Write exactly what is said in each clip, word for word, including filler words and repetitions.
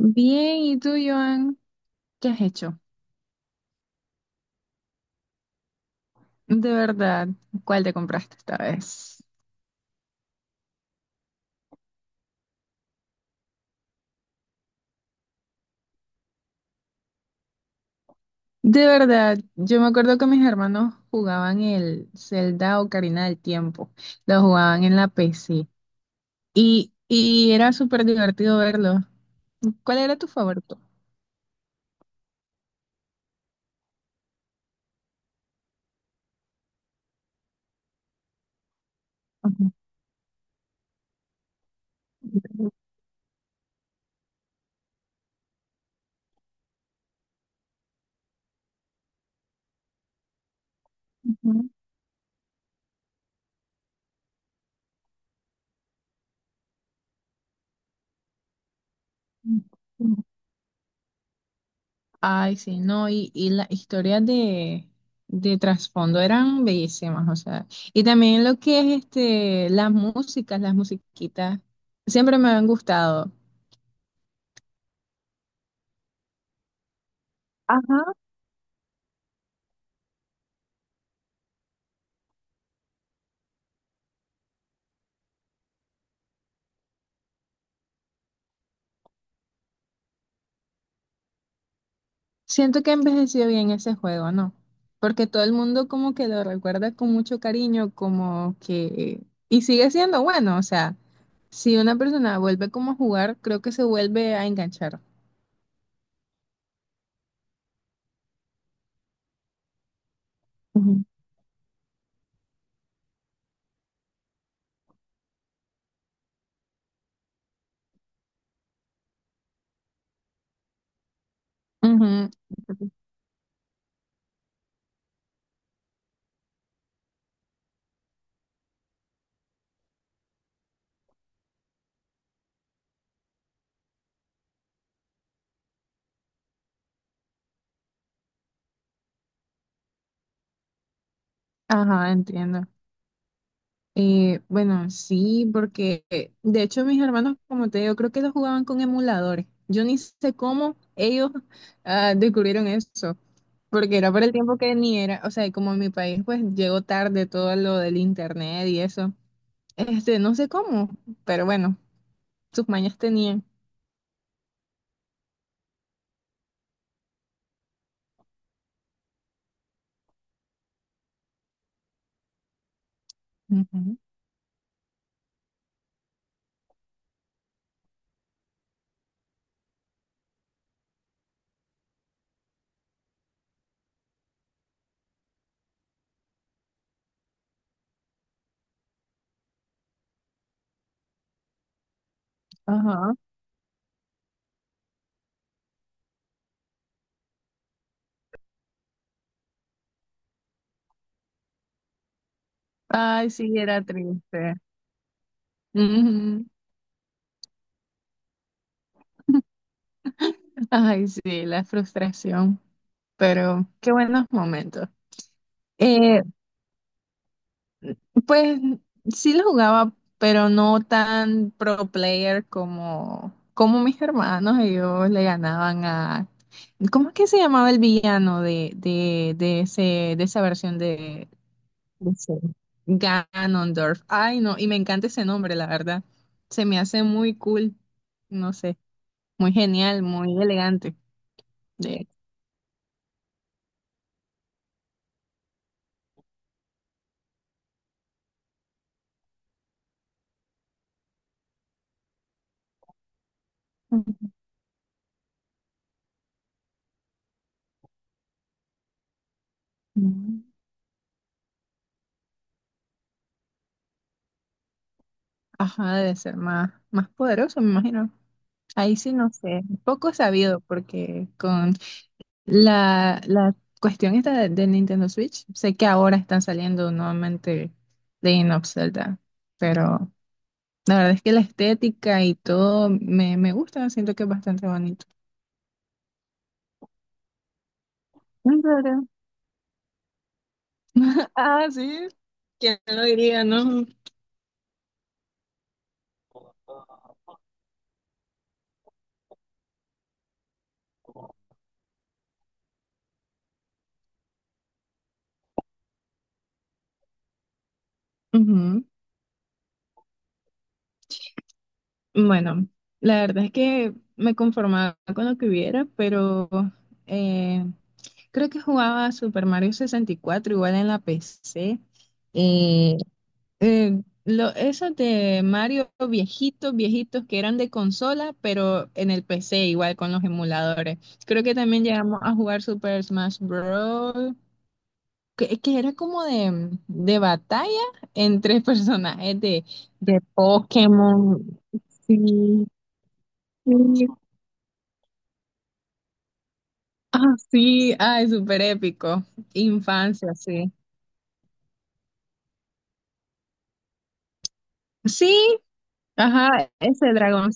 Bien, ¿y tú, Joan? ¿Qué has hecho? De verdad, ¿cuál te compraste esta vez? De verdad, yo me acuerdo que mis hermanos jugaban el Zelda Ocarina del Tiempo, lo jugaban en la P C y, y era súper divertido verlo. ¿Cuál era tu favorito? Ujú. Ay, sí, no, y, y las historias de, de trasfondo eran bellísimas, o sea, y también lo que es este, las músicas, las musiquitas, siempre me han gustado. Ajá. Siento que envejeció bien ese juego, ¿no? Porque todo el mundo como que lo recuerda con mucho cariño, como que, y sigue siendo bueno, o sea, si una persona vuelve como a jugar, creo que se vuelve a enganchar. Ujú. Ujú. Ajá, entiendo. Eh, bueno, sí, porque eh, de hecho mis hermanos, como te digo, creo que ellos jugaban con emuladores. Yo ni sé cómo ellos ah, descubrieron eso, porque era por el tiempo que ni era, o sea, y como en mi país pues llegó tarde todo lo del internet y eso. Este, no sé cómo, pero bueno, sus mañas tenían. Ujú. Ajá. Ay, sí, era triste. Ujú. Ay, sí, la frustración, pero qué buenos momentos. Eh, Pues sí lo jugaba, pero no tan pro player como, como mis hermanos. Ellos le ganaban a... ¿Cómo es que se llamaba el villano de, de, de ese, de esa versión de, de ese Ganondorf? Ay, no, y me encanta ese nombre, la verdad. Se me hace muy cool, no sé, muy genial, muy elegante. De... Ujú. Ajá, debe ser más, más poderoso, me imagino. Ahí sí no sé, poco sabido porque con La, la cuestión esta de- del Nintendo Switch, sé que ahora están saliendo nuevamente Legend of Zelda, pero la verdad es que la estética y todo me, me gusta, siento que es bastante bonito. ¿En serio? Ah, sí, ¿quién lo diría, no? Ujú. Bueno, la verdad es que me conformaba con lo que hubiera, pero eh, creo que jugaba Super Mario sesenta y cuatro igual en la P C. Eh, lo, esos de Mario viejitos, viejitos que eran de consola, pero en el P C igual con los emuladores. Creo que también llegamos a jugar Super Smash Bros. Que, que era como de, de batalla entre personajes de, de Pokémon. Sí, sí. Ah, sí, ay, súper épico. Infancia, sí. Sí, ajá, ese Dragon.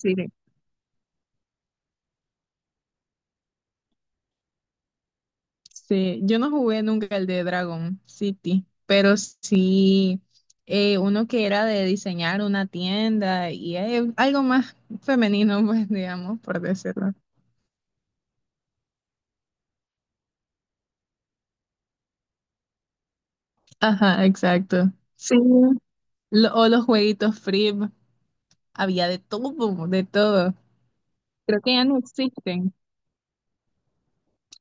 Sí, yo no jugué nunca el de Dragon City, pero sí eh, uno que era de diseñar una tienda y eh, algo más femenino, pues digamos, por decirlo. Ajá, exacto. Sí. Lo- o los jueguitos free, había de todo, de todo. Creo que ya no existen.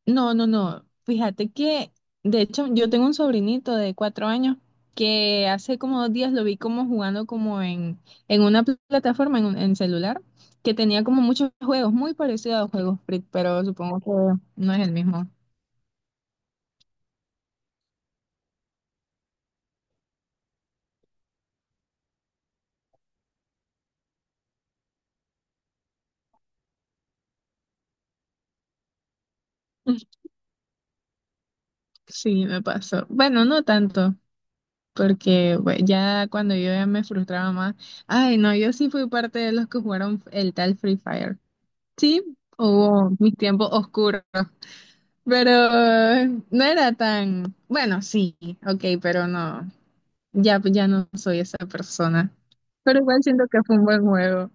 No, no, no. Fíjate que, de hecho, yo tengo un sobrinito de cuatro años que hace como dos días lo vi como jugando como en, en una pl- plataforma, en, un- en celular, que tenía como muchos juegos, muy parecidos a los juegos Free, pero supongo que no es el mismo. Sí, me pasó. Bueno, no tanto, porque bue- ya cuando yo ya me frustraba más, ay, no, yo sí fui parte de los que jugaron el tal Free Fire. Sí, hubo mis tiempos oscuros. Pero eh, no era tan, bueno, sí, ok, pero no, ya, ya no soy esa persona. Pero igual siento que fue un buen juego.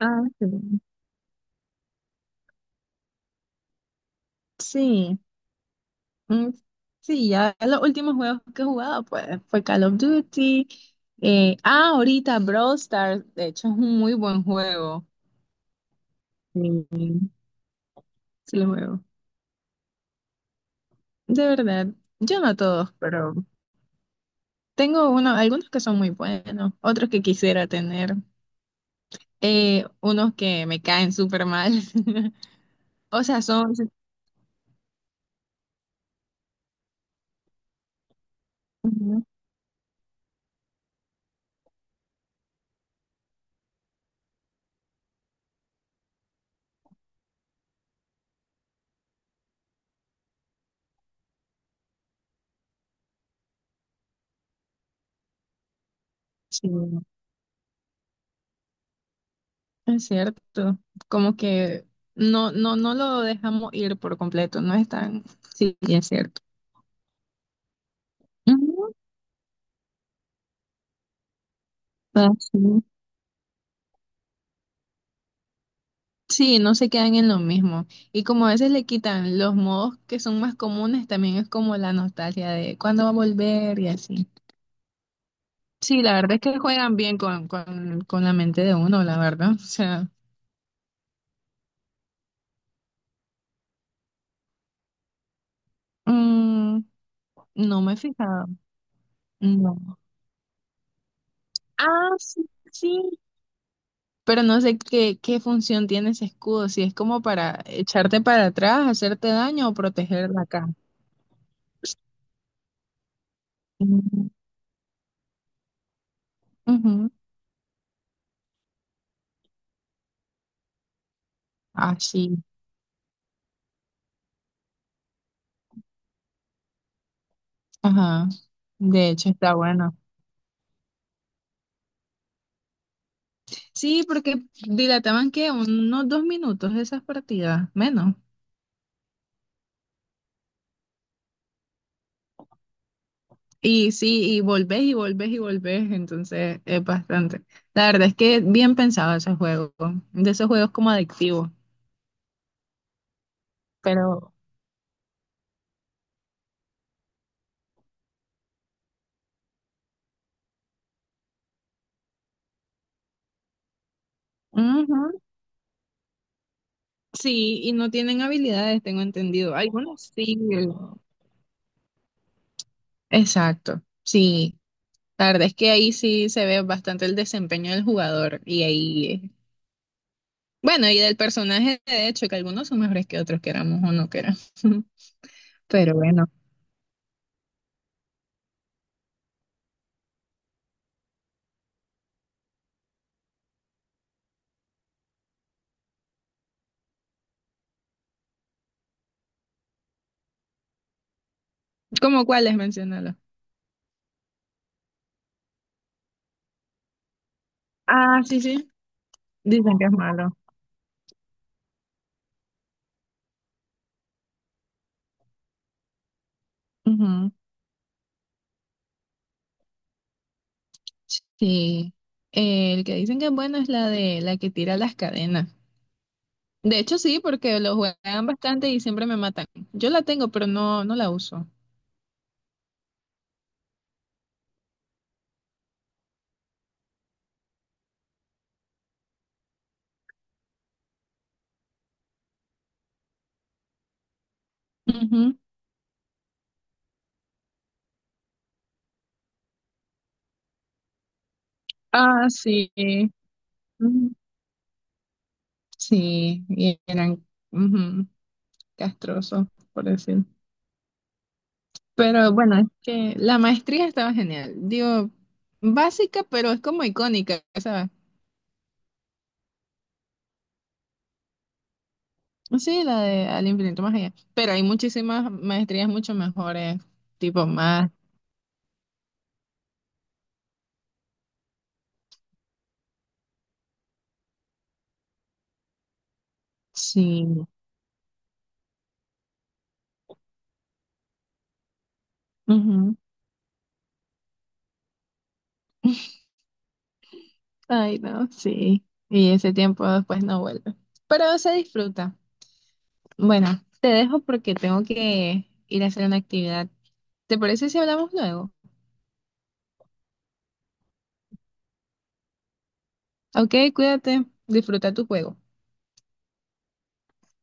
Ah, sí. Sí, mm, sí, ya los últimos juegos que he jugado pues, fue Call of Duty. Eh, ah, ahorita Brawl Stars, de hecho es un muy buen juego. Sí, sí lo juego. De verdad, yo no todos, pero tengo uno, algunos que son muy buenos, otros que quisiera tener. Eh, unos que me caen súper mal. O sea, son... sí. Ujú. Sí, es cierto. Como que no, no, no lo dejamos ir por completo, no es tan... Sí, es cierto. Ujú, ah, sí, sí, no se quedan en lo mismo. Y como a veces le quitan los modos que son más comunes, también es como la nostalgia de cuándo va a volver y así. Sí, la verdad es que juegan bien con, con, con la mente de uno, la verdad. O sea, mm, no me he fijado. No. Ah, sí, sí. Pero no sé qué, qué función tiene ese escudo, si es como para echarte para atrás, hacerte daño o proteger la cara. Mm, ujú. Ah, sí, ajá. De hecho, está bueno. Sí, porque dilataban que unos dos minutos esas partidas, menos. Y sí, y volvés y volvés y volvés, entonces es bastante. La verdad es que bien pensado ese juego, de esos juegos como adictivos. Pero, ujú, sí, y no tienen habilidades, tengo entendido. Algunos sí. el- Exacto, sí. La verdad es que ahí sí se ve bastante el desempeño del jugador y ahí, eh, bueno, y del personaje, de hecho, que algunos son mejores que otros, queramos o no queramos. Pero bueno, ¿cómo cuáles? Menciónalo. Ah, sí, sí. Dicen que es malo. Ujú, sí. Eh, El que dicen que es bueno es la de la que tira las cadenas. De hecho, sí, porque lo juegan bastante y siempre me matan. Yo la tengo, pero no, no la uso. Ujú. Ah, sí. Mm, sí, y eran ujú, castrosos, por decir. Pero bueno, es que la maestría estaba genial. Digo, básica, pero es como icónica, ¿sabes? Sí, la de Al infinito más allá. Pero hay muchísimas maestrías mucho mejores, tipo más. Sí. Ujú. Ay, no, sí. Y ese tiempo después no vuelve. Pero se disfruta. Bueno, te dejo porque tengo que ir a hacer una actividad. ¿Te parece si hablamos luego? Ok, cuídate, disfruta tu juego.